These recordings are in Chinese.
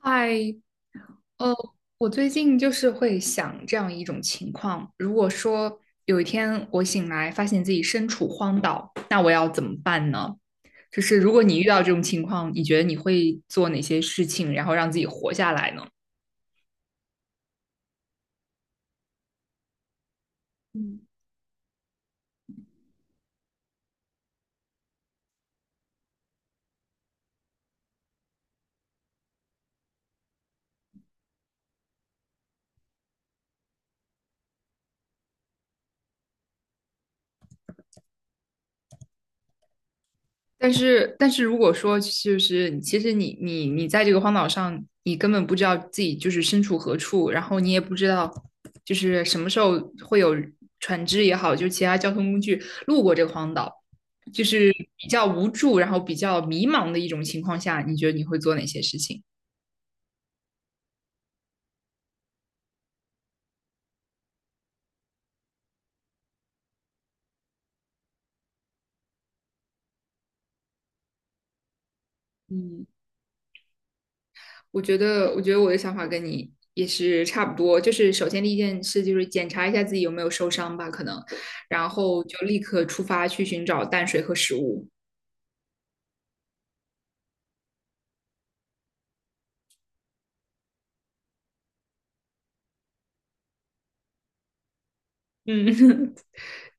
嗨，呃，我最近就是会想这样一种情况：如果说有一天我醒来发现自己身处荒岛，那我要怎么办呢？就是如果你遇到这种情况，你觉得你会做哪些事情，然后让自己活下来呢？但是如果说就是，其实你在这个荒岛上，你根本不知道自己就是身处何处，然后你也不知道就是什么时候会有船只也好，就是其他交通工具路过这个荒岛，就是比较无助，然后比较迷茫的一种情况下，你觉得你会做哪些事情？嗯，我觉得我的想法跟你也是差不多。就是首先第一件事就是检查一下自己有没有受伤吧，可能，然后就立刻出发去寻找淡水和食物。嗯，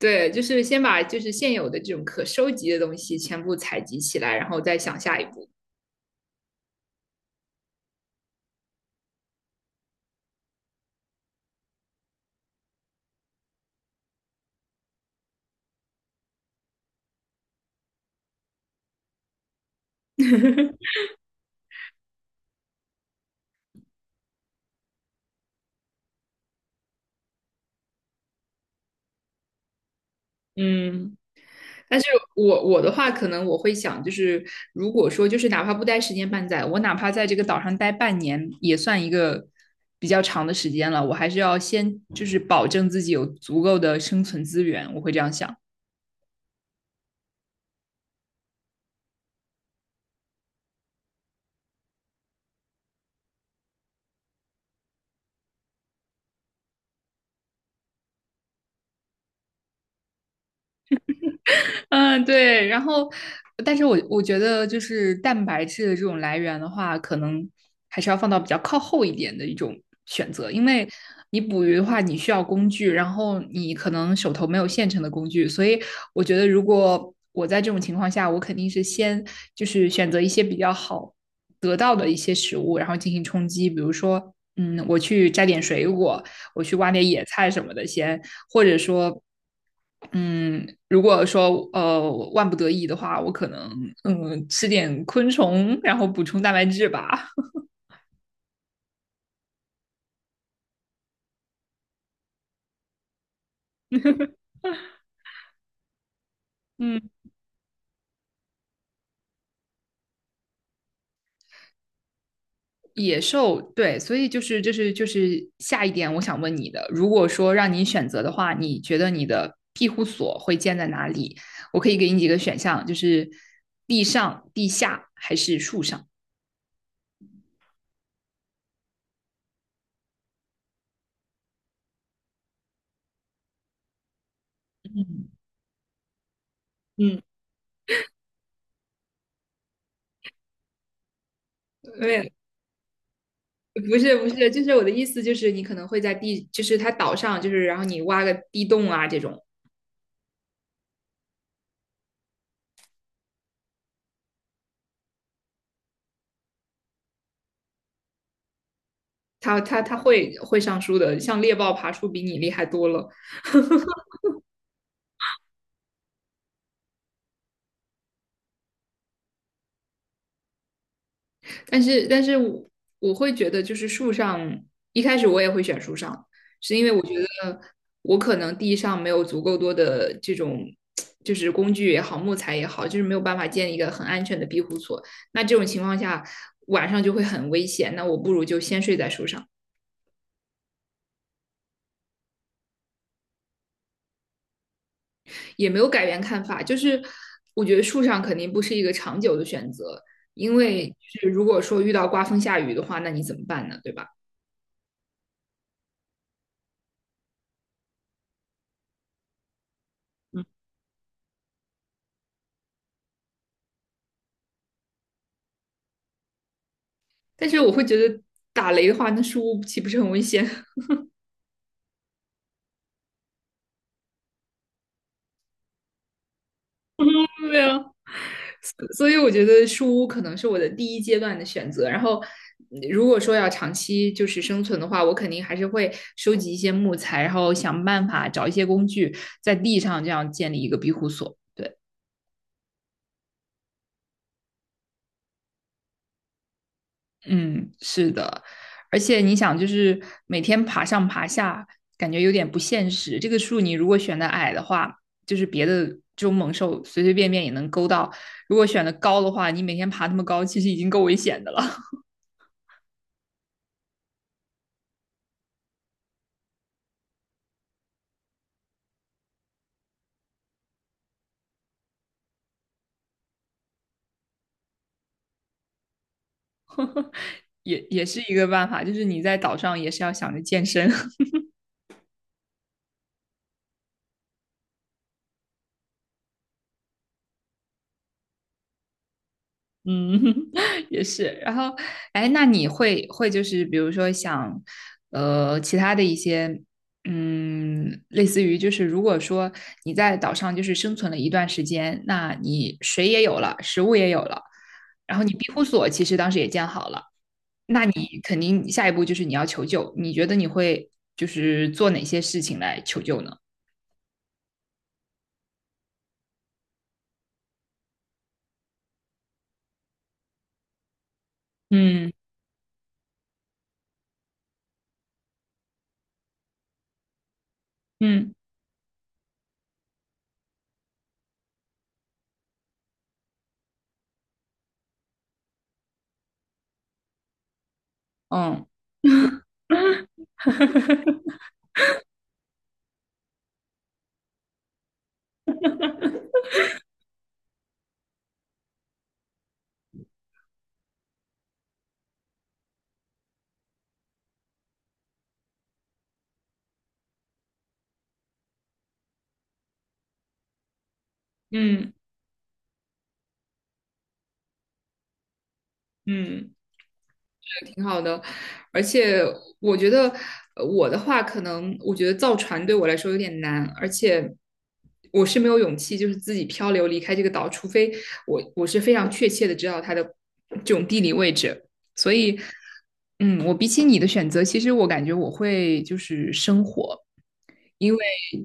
对，就是先把就是现有的这种可收集的东西全部采集起来，然后再想下一步。嗯，但是我的话，可能我会想，就是如果说就是哪怕不待十年半载，我哪怕在这个岛上待半年，也算一个比较长的时间了。我还是要先就是保证自己有足够的生存资源，我会这样想。嗯，对，然后，但是我觉得就是蛋白质的这种来源的话，可能还是要放到比较靠后一点的一种选择，因为你捕鱼的话，你需要工具，然后你可能手头没有现成的工具，所以我觉得如果我在这种情况下，我肯定是先就是选择一些比较好得到的一些食物，然后进行充饥，比如说，嗯，我去摘点水果，我去挖点野菜什么的，先或者说，嗯，如果说万不得已的话，我可能吃点昆虫，然后补充蛋白质吧。嗯，野兽，对，所以就是这、是就是下一点，我想问你的，如果说让你选择的话，你觉得你的庇护所会建在哪里？我可以给你几个选项，就是地上、地下还是树上？嗯，没有，不是，就是我的意思就是你可能会在地，就是它岛上，就是然后你挖个地洞啊这种。他会上树的，像猎豹爬树比你厉害多了。但是我会觉得，就是树上一开始我也会选树上，是因为我觉得我可能地上没有足够多的这种就是工具也好，木材也好，就是没有办法建一个很安全的庇护所。那这种情况下，晚上就会很危险。那我不如就先睡在树上。也没有改变看法，就是我觉得树上肯定不是一个长久的选择，因为是如果说遇到刮风下雨的话，那你怎么办呢？对吧？但是我会觉得打雷的话，那树屋岂不是很危险？对啊，所以我觉得树屋可能是我的第一阶段的选择。然后，如果说要长期就是生存的话，我肯定还是会收集一些木材，然后想办法找一些工具，在地上这样建立一个庇护所。对，嗯，是的，而且你想，就是每天爬上爬下，感觉有点不现实。这个树你如果选的矮的话，就是别的这种猛兽随随便便也能勾到；如果选的高的话，你每天爬那么高，其实已经够危险的了。也是一个办法，就是你在岛上也是要想着健身。嗯，也是。然后，哎，那你会就是比如说想，其他的一些，嗯，类似于就是如果说你在岛上就是生存了一段时间，那你水也有了，食物也有了，然后你庇护所其实当时也建好了，那你肯定下一步就是你要求救。你觉得你会就是做哪些事情来求救呢？嗯嗯嗯嗯嗯。挺好的，而且我觉得我的话，可能我觉得造船对我来说有点难，而且我是没有勇气，就是自己漂流离开这个岛，除非我是非常确切的知道它的这种地理位置。所以，嗯，我比起你的选择，其实我感觉我会就是生活。因为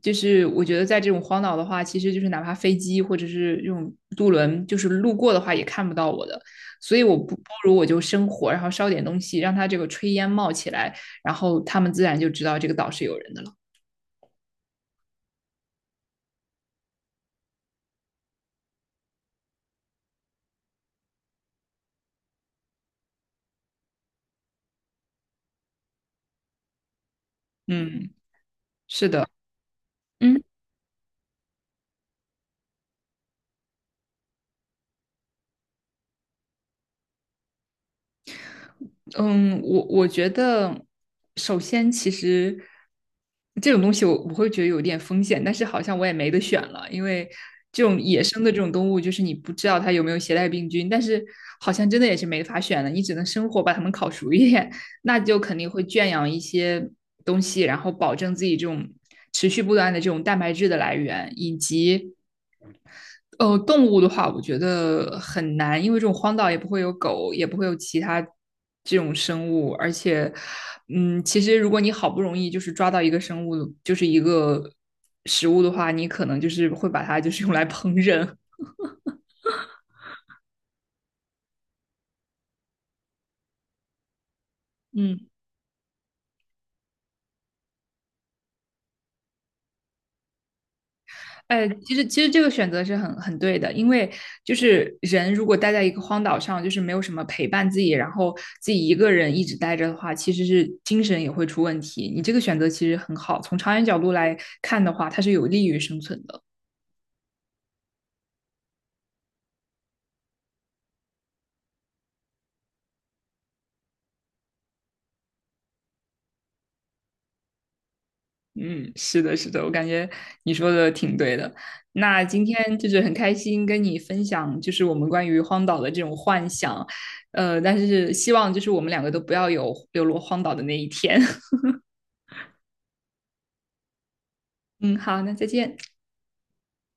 就是我觉得在这种荒岛的话，其实就是哪怕飞机或者是这种渡轮，就是路过的话也看不到我的，所以我不如我就生火，然后烧点东西，让它这个炊烟冒起来，然后他们自然就知道这个岛是有人的了。嗯，是的，嗯，嗯，我觉得，首先其实这种东西我会觉得有点风险，但是好像我也没得选了，因为这种野生的这种动物，就是你不知道它有没有携带病菌，但是好像真的也是没法选的，你只能生火把它们烤熟一点，那就肯定会圈养一些东西，然后保证自己这种持续不断的这种蛋白质的来源，以及动物的话，我觉得很难，因为这种荒岛也不会有狗，也不会有其他这种生物，而且，嗯，其实如果你好不容易就是抓到一个生物，就是一个食物的话，你可能就是会把它就是用来烹饪。嗯，哎，其实这个选择是很对的，因为就是人如果待在一个荒岛上，就是没有什么陪伴自己，然后自己一个人一直待着的话，其实是精神也会出问题。你这个选择其实很好，从长远角度来看的话，它是有利于生存的。嗯，是的，是的，我感觉你说的挺对的。那今天就是很开心跟你分享，就是我们关于荒岛的这种幻想，但是希望就是我们两个都不要有流落荒岛的那一天。嗯，好，那再见。